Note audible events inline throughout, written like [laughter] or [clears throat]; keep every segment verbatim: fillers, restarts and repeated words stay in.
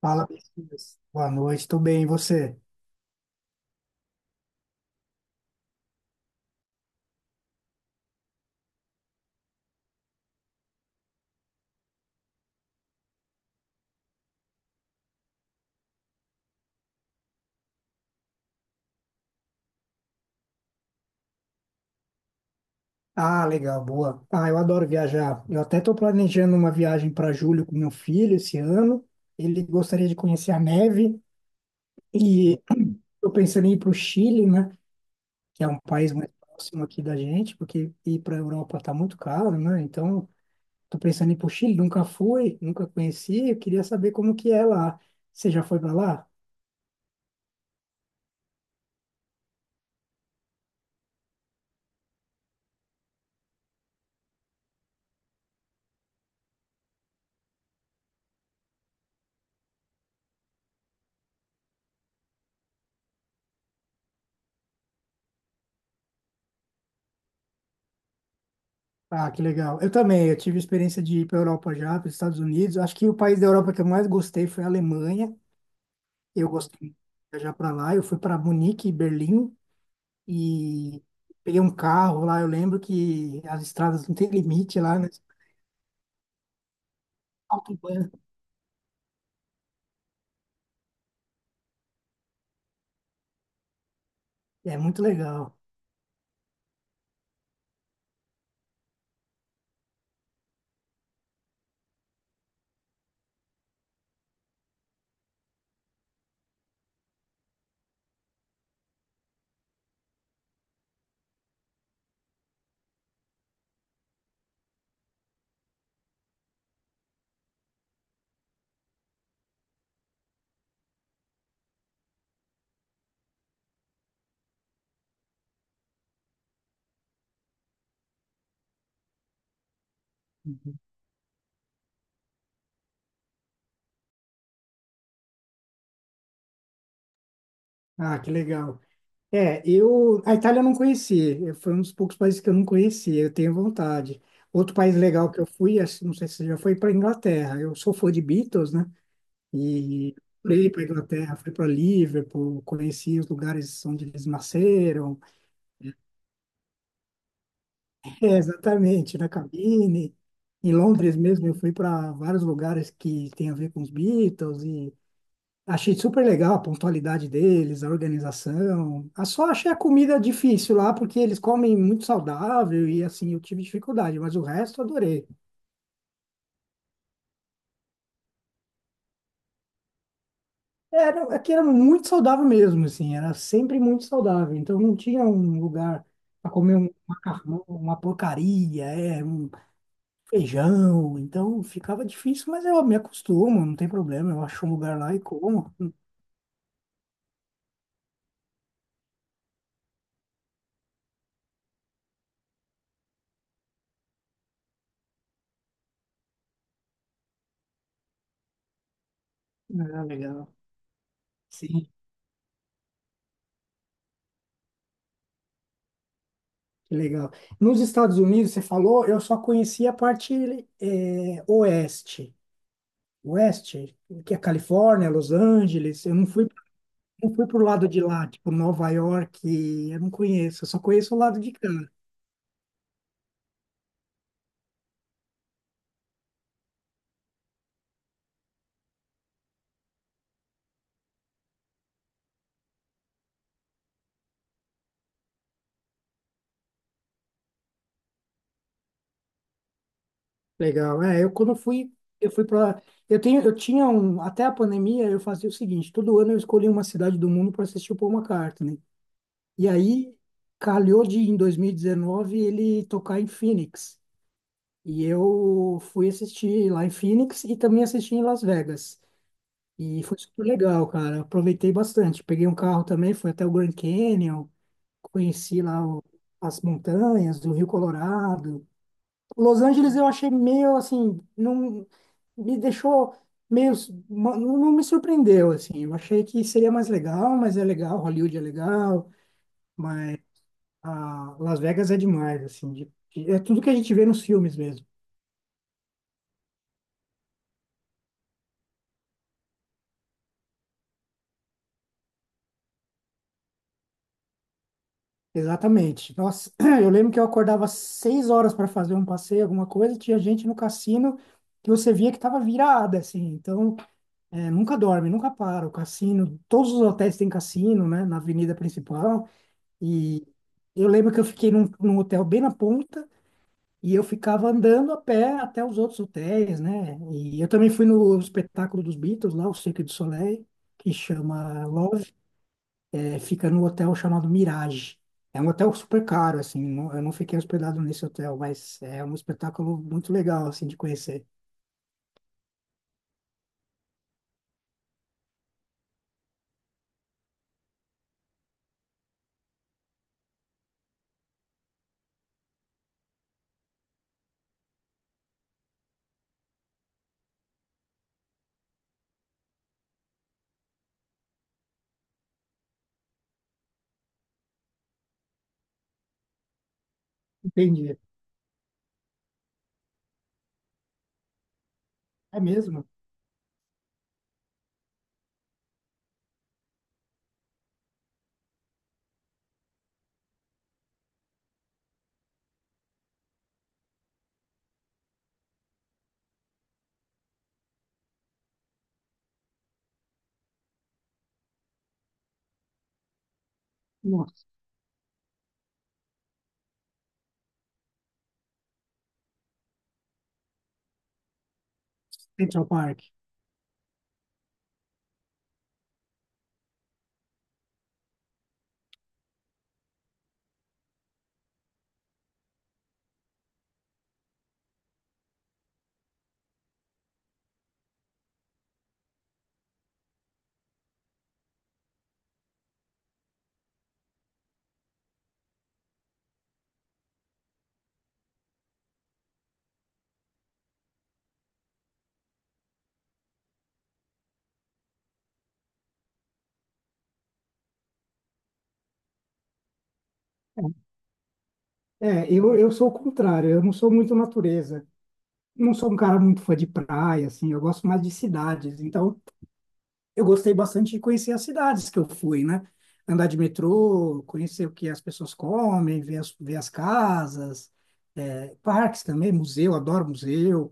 Fala, Messias. Boa noite, tudo bem, e você? Ah, legal, boa. Ah, eu adoro viajar. Eu até estou planejando uma viagem para julho com meu filho esse ano. Ele gostaria de conhecer a neve e estou pensando em ir para o Chile, né? Que é um país mais próximo aqui da gente, porque ir para a Europa está muito caro, né? Então, estou pensando em ir para o Chile. Nunca fui, nunca conheci. Eu queria saber como que é lá. Você já foi para lá? Ah, que legal. Eu também, eu tive experiência de ir para a Europa já, para os Estados Unidos. Acho que o país da Europa que eu mais gostei foi a Alemanha. Eu gostei de viajar para lá. Eu fui para Munique e Berlim e peguei um carro lá. Eu lembro que as estradas não têm limite lá, né? Autobahn. É muito legal. Ah, que legal. É, eu a Itália eu não conheci. Eu- Foi um dos poucos países que eu não conheci. Eu tenho vontade. Outro país legal que eu fui, acho- não sei se você já foi, para Inglaterra. Eu sou fã de Beatles, né? E fui para Inglaterra, fui para Liverpool, conheci os lugares onde eles nasceram. É, exatamente, na cabine. Em Londres mesmo, eu fui para vários lugares que tem a ver com os Beatles e achei super legal a pontualidade deles, a organização. Ah, só achei a comida difícil lá, porque eles comem muito saudável e assim, eu tive dificuldade, mas o resto eu adorei. Era, aqui era muito saudável mesmo, assim, era sempre muito saudável. Então não tinha um lugar para comer um macarrão, uma porcaria, é, um feijão. Então ficava difícil, mas eu me acostumo, não tem problema. Eu acho um lugar lá e como. Ah, legal. Sim, que legal. Nos Estados Unidos, você falou, eu só conhecia a parte é, oeste. West, que é Califórnia, Los Angeles. Eu não fui, não fui pro lado de lá, tipo Nova York, eu não conheço, eu só conheço o lado de cá. Legal. É, eu quando fui, eu fui para eu tenho, eu tinha um, até a pandemia eu fazia o seguinte, todo ano eu escolhia uma cidade do mundo para assistir o Paul McCartney. E aí calhou de em dois mil e dezenove ele tocar em Phoenix. E eu fui assistir lá em Phoenix e também assisti em Las Vegas. E foi super legal, cara. Aproveitei bastante. Peguei um carro também, fui até o Grand Canyon, conheci lá o- as montanhas do Rio Colorado. Los Angeles eu achei meio assim, não me deixou meio, ma- não não me surpreendeu assim. Eu achei que seria mais legal, mas é legal, Hollywood é legal, mas a Las Vegas é demais assim. de- de- É tudo que a gente vê nos filmes mesmo. Exatamente. Nossa, [clears throat] eu lembro que eu acordava às seis horas para fazer um passeio, alguma coisa, tinha gente no cassino que você via que estava virada, assim. Então, é, nunca dorme, nunca para. O cassino, todos os hotéis têm cassino, né, na avenida principal. E eu lembro que eu fiquei num, num hotel bem na ponta e eu ficava andando a pé até os outros hotéis, né? E eu também fui no espetáculo dos Beatles lá, o Cirque du Soleil, que chama é, fica no hotel chamado Mirage. É um hotel super caro, assim, não- eu não fiquei hospedado nesse hotel, mas é um espetáculo muito legal, assim, de conhecer. Entendi. É mesmo? Nossa, Central Park. É, é, eu, eu sou o contrário, eu não sou muito natureza. Não sou um cara muito fã de praia, assim, eu gosto mais de cidades. Então, eu gostei bastante de conhecer as cidades que eu fui, né? Andar de metrô, conhecer o que as pessoas comem, ver as, ver as casas, é, parques também, museu, adoro museu.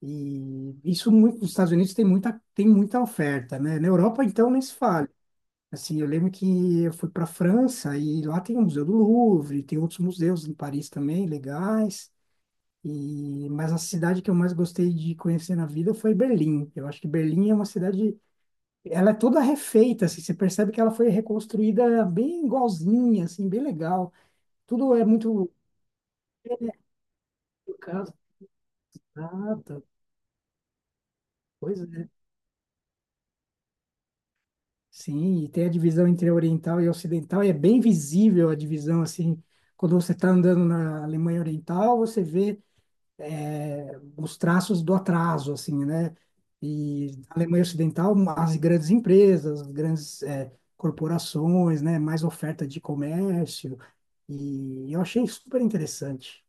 E isso muito, nos Estados Unidos tem muita, tem muita oferta, né? Na Europa, então, nem se fala. Assim, eu lembro que eu fui para a França e lá tem o Museu do Louvre, tem outros museus em Paris também legais. E, mas a cidade que eu mais gostei de conhecer na vida foi Berlim. Eu acho que Berlim é uma cidade, ela é toda refeita, assim, você percebe que ela foi reconstruída bem igualzinha, assim, bem legal. Tudo é muito... Exato, pois é. Sim, e tem a divisão entre oriental e ocidental, e é bem visível a divisão, assim, quando você está andando na Alemanha Oriental, você vê eh, os traços do atraso, assim, né? E na Alemanha Ocidental, as grandes empresas, as grandes eh, corporações, né? Mais oferta de comércio, e eu achei super interessante.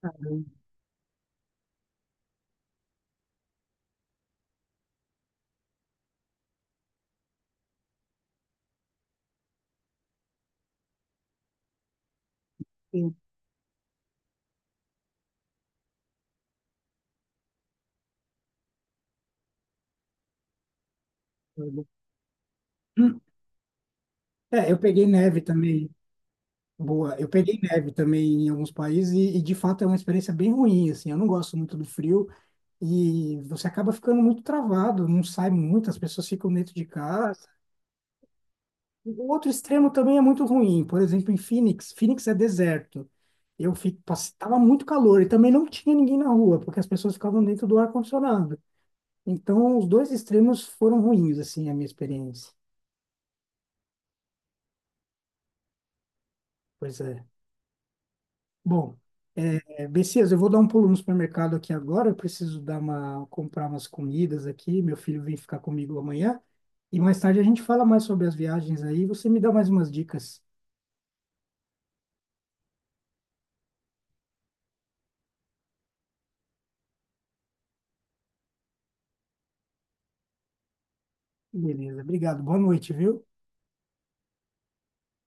Eu- eu- É, eu peguei neve também. Boa, eu peguei neve também em alguns países e, e, de fato é uma experiência bem ruim, assim, eu não gosto muito do frio e você acaba ficando muito travado, não sai muito, as pessoas ficam dentro de casa. O outro extremo também é muito ruim, por exemplo, em Phoenix, Phoenix é deserto, eu fico, pass- tava muito calor e também não tinha ninguém na rua, porque as pessoas ficavam dentro do ar-condicionado, então os dois extremos foram ruins, assim, a minha experiência, pois é. Bom, é, Bessias, eu vou dar um pulo no supermercado aqui agora. Eu preciso dar uma, comprar umas comidas aqui. Meu filho vem ficar comigo amanhã. E mais tarde a gente fala mais sobre as viagens aí. Você me dá mais umas dicas. Beleza, obrigado. Boa noite, viu?